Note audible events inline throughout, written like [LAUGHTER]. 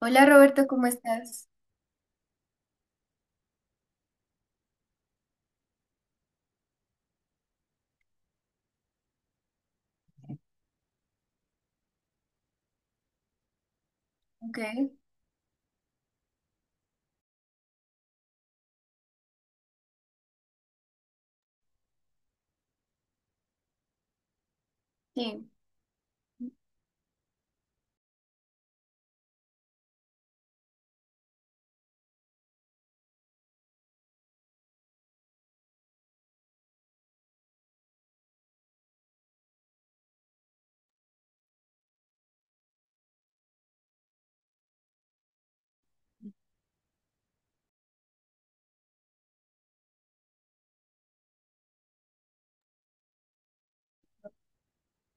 Hola Roberto, ¿cómo estás? Ok, sí.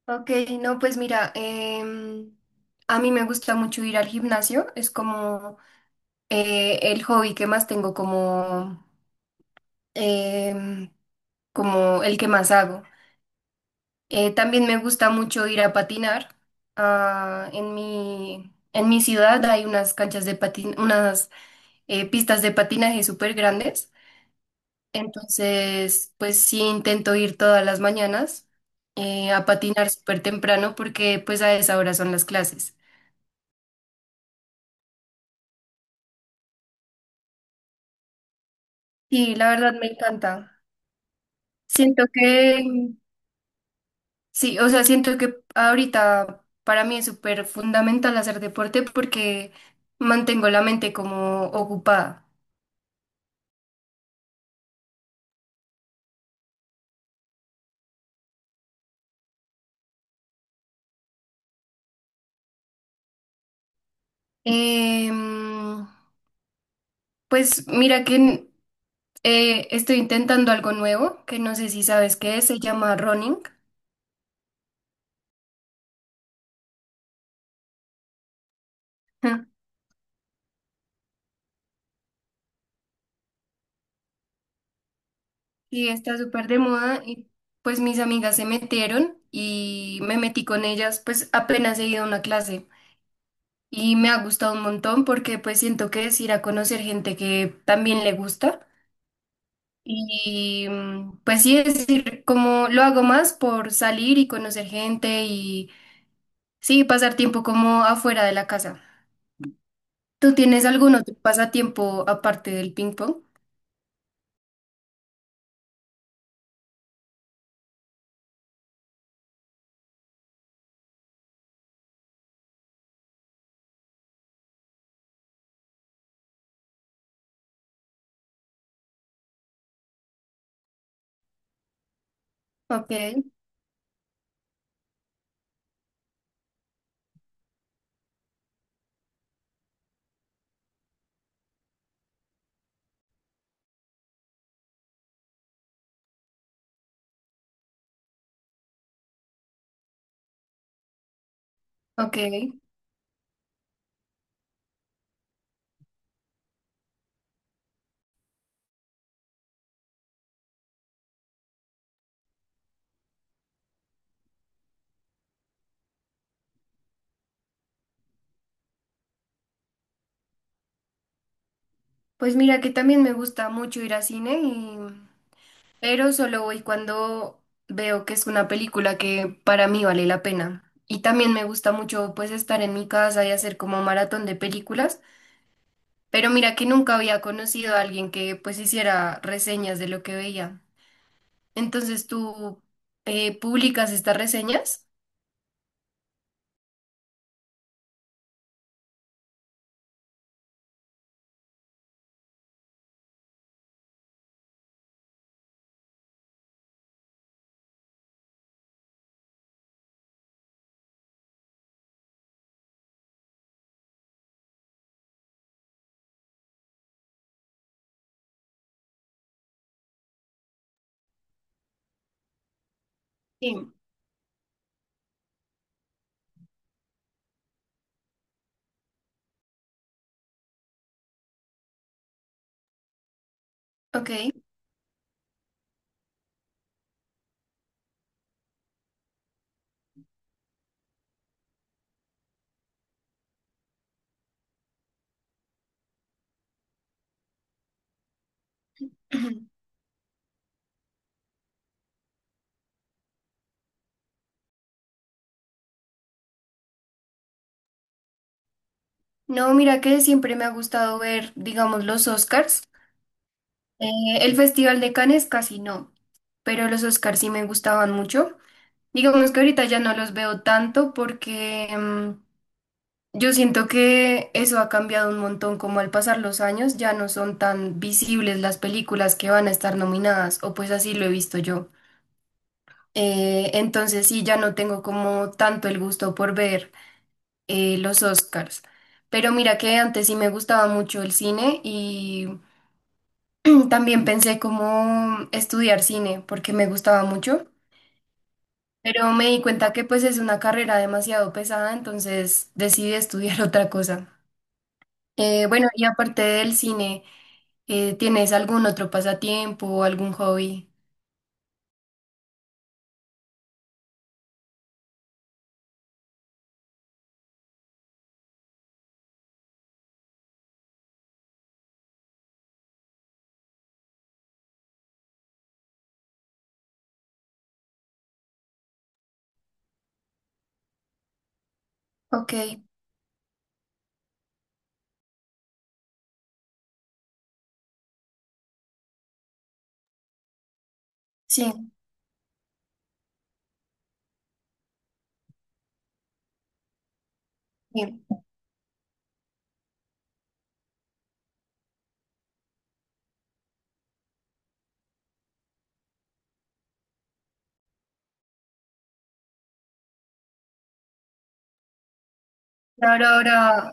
Ok, no, pues mira, a mí me gusta mucho ir al gimnasio, es como el hobby que más tengo, em, como el que más hago. También me gusta mucho ir a patinar. Ah, en mi ciudad hay unas canchas de patin, unas pistas de patinaje súper grandes. Entonces, pues sí, intento ir todas las mañanas a patinar súper temprano porque pues a esa hora son las clases. Sí, la verdad me encanta. Siento que, sí, o sea, siento que ahorita para mí es súper fundamental hacer deporte porque mantengo la mente como ocupada. Em, pues mira que estoy intentando algo nuevo que no sé si sabes qué es, se llama running. [LAUGHS] Sí, está súper de moda y pues mis amigas se metieron y me metí con ellas, pues apenas he ido a una clase y me ha gustado un montón porque pues siento que es ir a conocer gente que también le gusta y pues sí, es decir, como lo hago más por salir y conocer gente y sí, pasar tiempo como afuera de la casa. ¿Tú tienes algún otro pasatiempo aparte del ping pong? Ok, ok. Pues mira que también me gusta mucho ir a cine, pero solo voy cuando veo que es una película que para mí vale la pena. Y también me gusta mucho pues estar en mi casa y hacer como maratón de películas, pero mira que nunca había conocido a alguien que pues hiciera reseñas de lo que veía. Entonces tú publicas estas reseñas. Sí. Ok. [CLEARS THROAT] No, mira que siempre me ha gustado ver, digamos, los Oscars. Eh, el Festival de Cannes casi no, pero los Oscars sí me gustaban mucho. Digamos que ahorita ya no los veo tanto porque yo siento que eso ha cambiado un montón, como al pasar los años ya no son tan visibles las películas que van a estar nominadas, o pues así lo he visto yo. Entonces sí, ya no tengo como tanto el gusto por ver los Oscars. Pero mira que antes sí me gustaba mucho el cine y [CLEARS THROAT] también pensé como estudiar cine porque me gustaba mucho. Pero me di cuenta que pues es una carrera demasiado pesada, entonces decidí estudiar [LAUGHS] otra cosa. Bueno, y aparte del cine, ¿tienes algún otro pasatiempo o algún hobby? Ok, sí, bien. Ahora, ahora,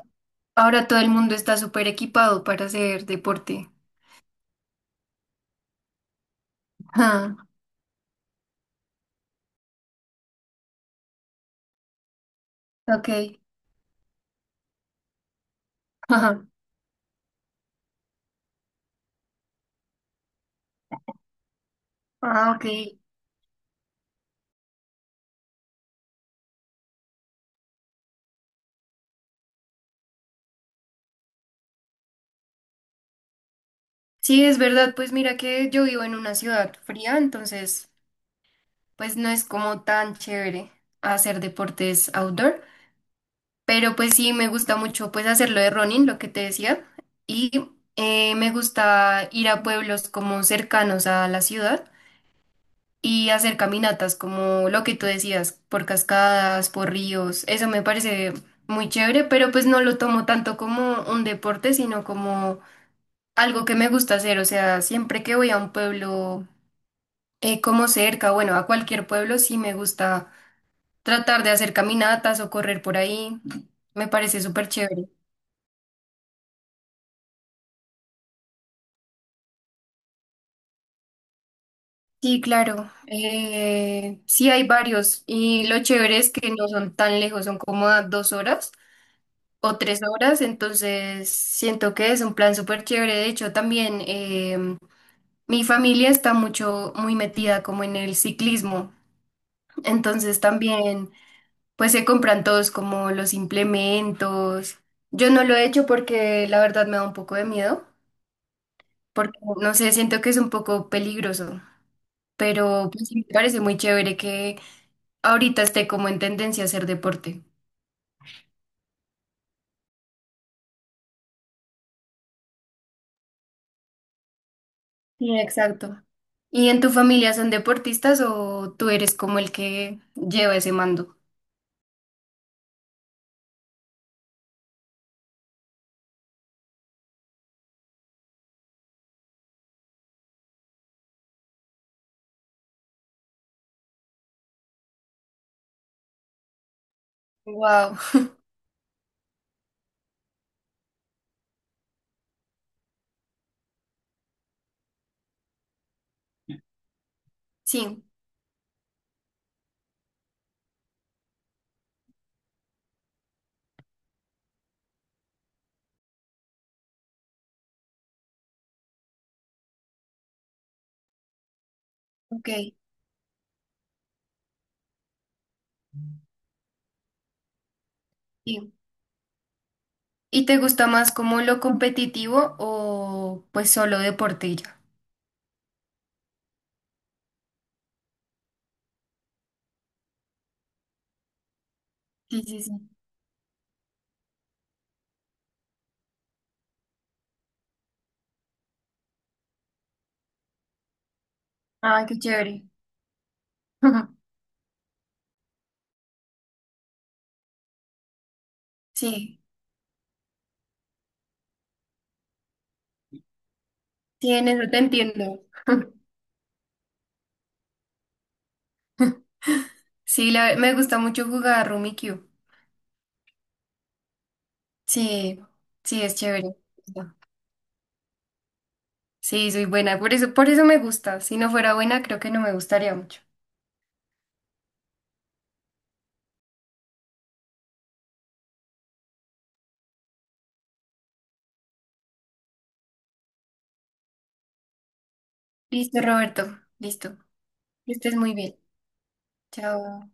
ahora todo el mundo está súper equipado para hacer deporte. Ah, ok. [LAUGHS] Ajá. Ah, ok. Sí, es verdad, pues mira que yo vivo en una ciudad fría, entonces pues no es como tan chévere hacer deportes outdoor. Pero pues sí, me gusta mucho pues hacerlo de running, lo que te decía. Y me gusta ir a pueblos como cercanos a la ciudad y hacer caminatas como lo que tú decías, por cascadas, por ríos. Eso me parece muy chévere, pero pues no lo tomo tanto como un deporte, sino como algo que me gusta hacer. O sea, siempre que voy a un pueblo como cerca, bueno, a cualquier pueblo, sí me gusta tratar de hacer caminatas o correr por ahí. Me parece súper chévere. Sí, claro. Sí, hay varios. Y lo chévere es que no son tan lejos, son como a 2 horas o 3 horas. Entonces, siento que es un plan súper chévere. De hecho, también mi familia está muy metida como en el ciclismo. Entonces, también, pues se compran todos como los implementos. Yo no lo he hecho porque la verdad me da un poco de miedo, porque no sé, siento que es un poco peligroso. Pero pues, sí me parece muy chévere que ahorita esté como en tendencia a hacer deporte. Sí, exacto. ¿Y en tu familia son deportistas o tú eres como el que lleva ese mando? Wow. Sí, ok. Sí. ¿Y te gusta más como lo competitivo o pues solo deporte y ya? Sí, sí, sí. Ah, qué chévere. [LAUGHS] Sí, sí, en eso te entiendo. [LAUGHS] Sí, me gusta mucho jugar Rummikub. Sí, sí, es chévere. Sí, soy buena, por eso me gusta. Si no fuera buena, creo que no me gustaría mucho. Listo, Roberto. Listo. Que estés muy bien. Chao.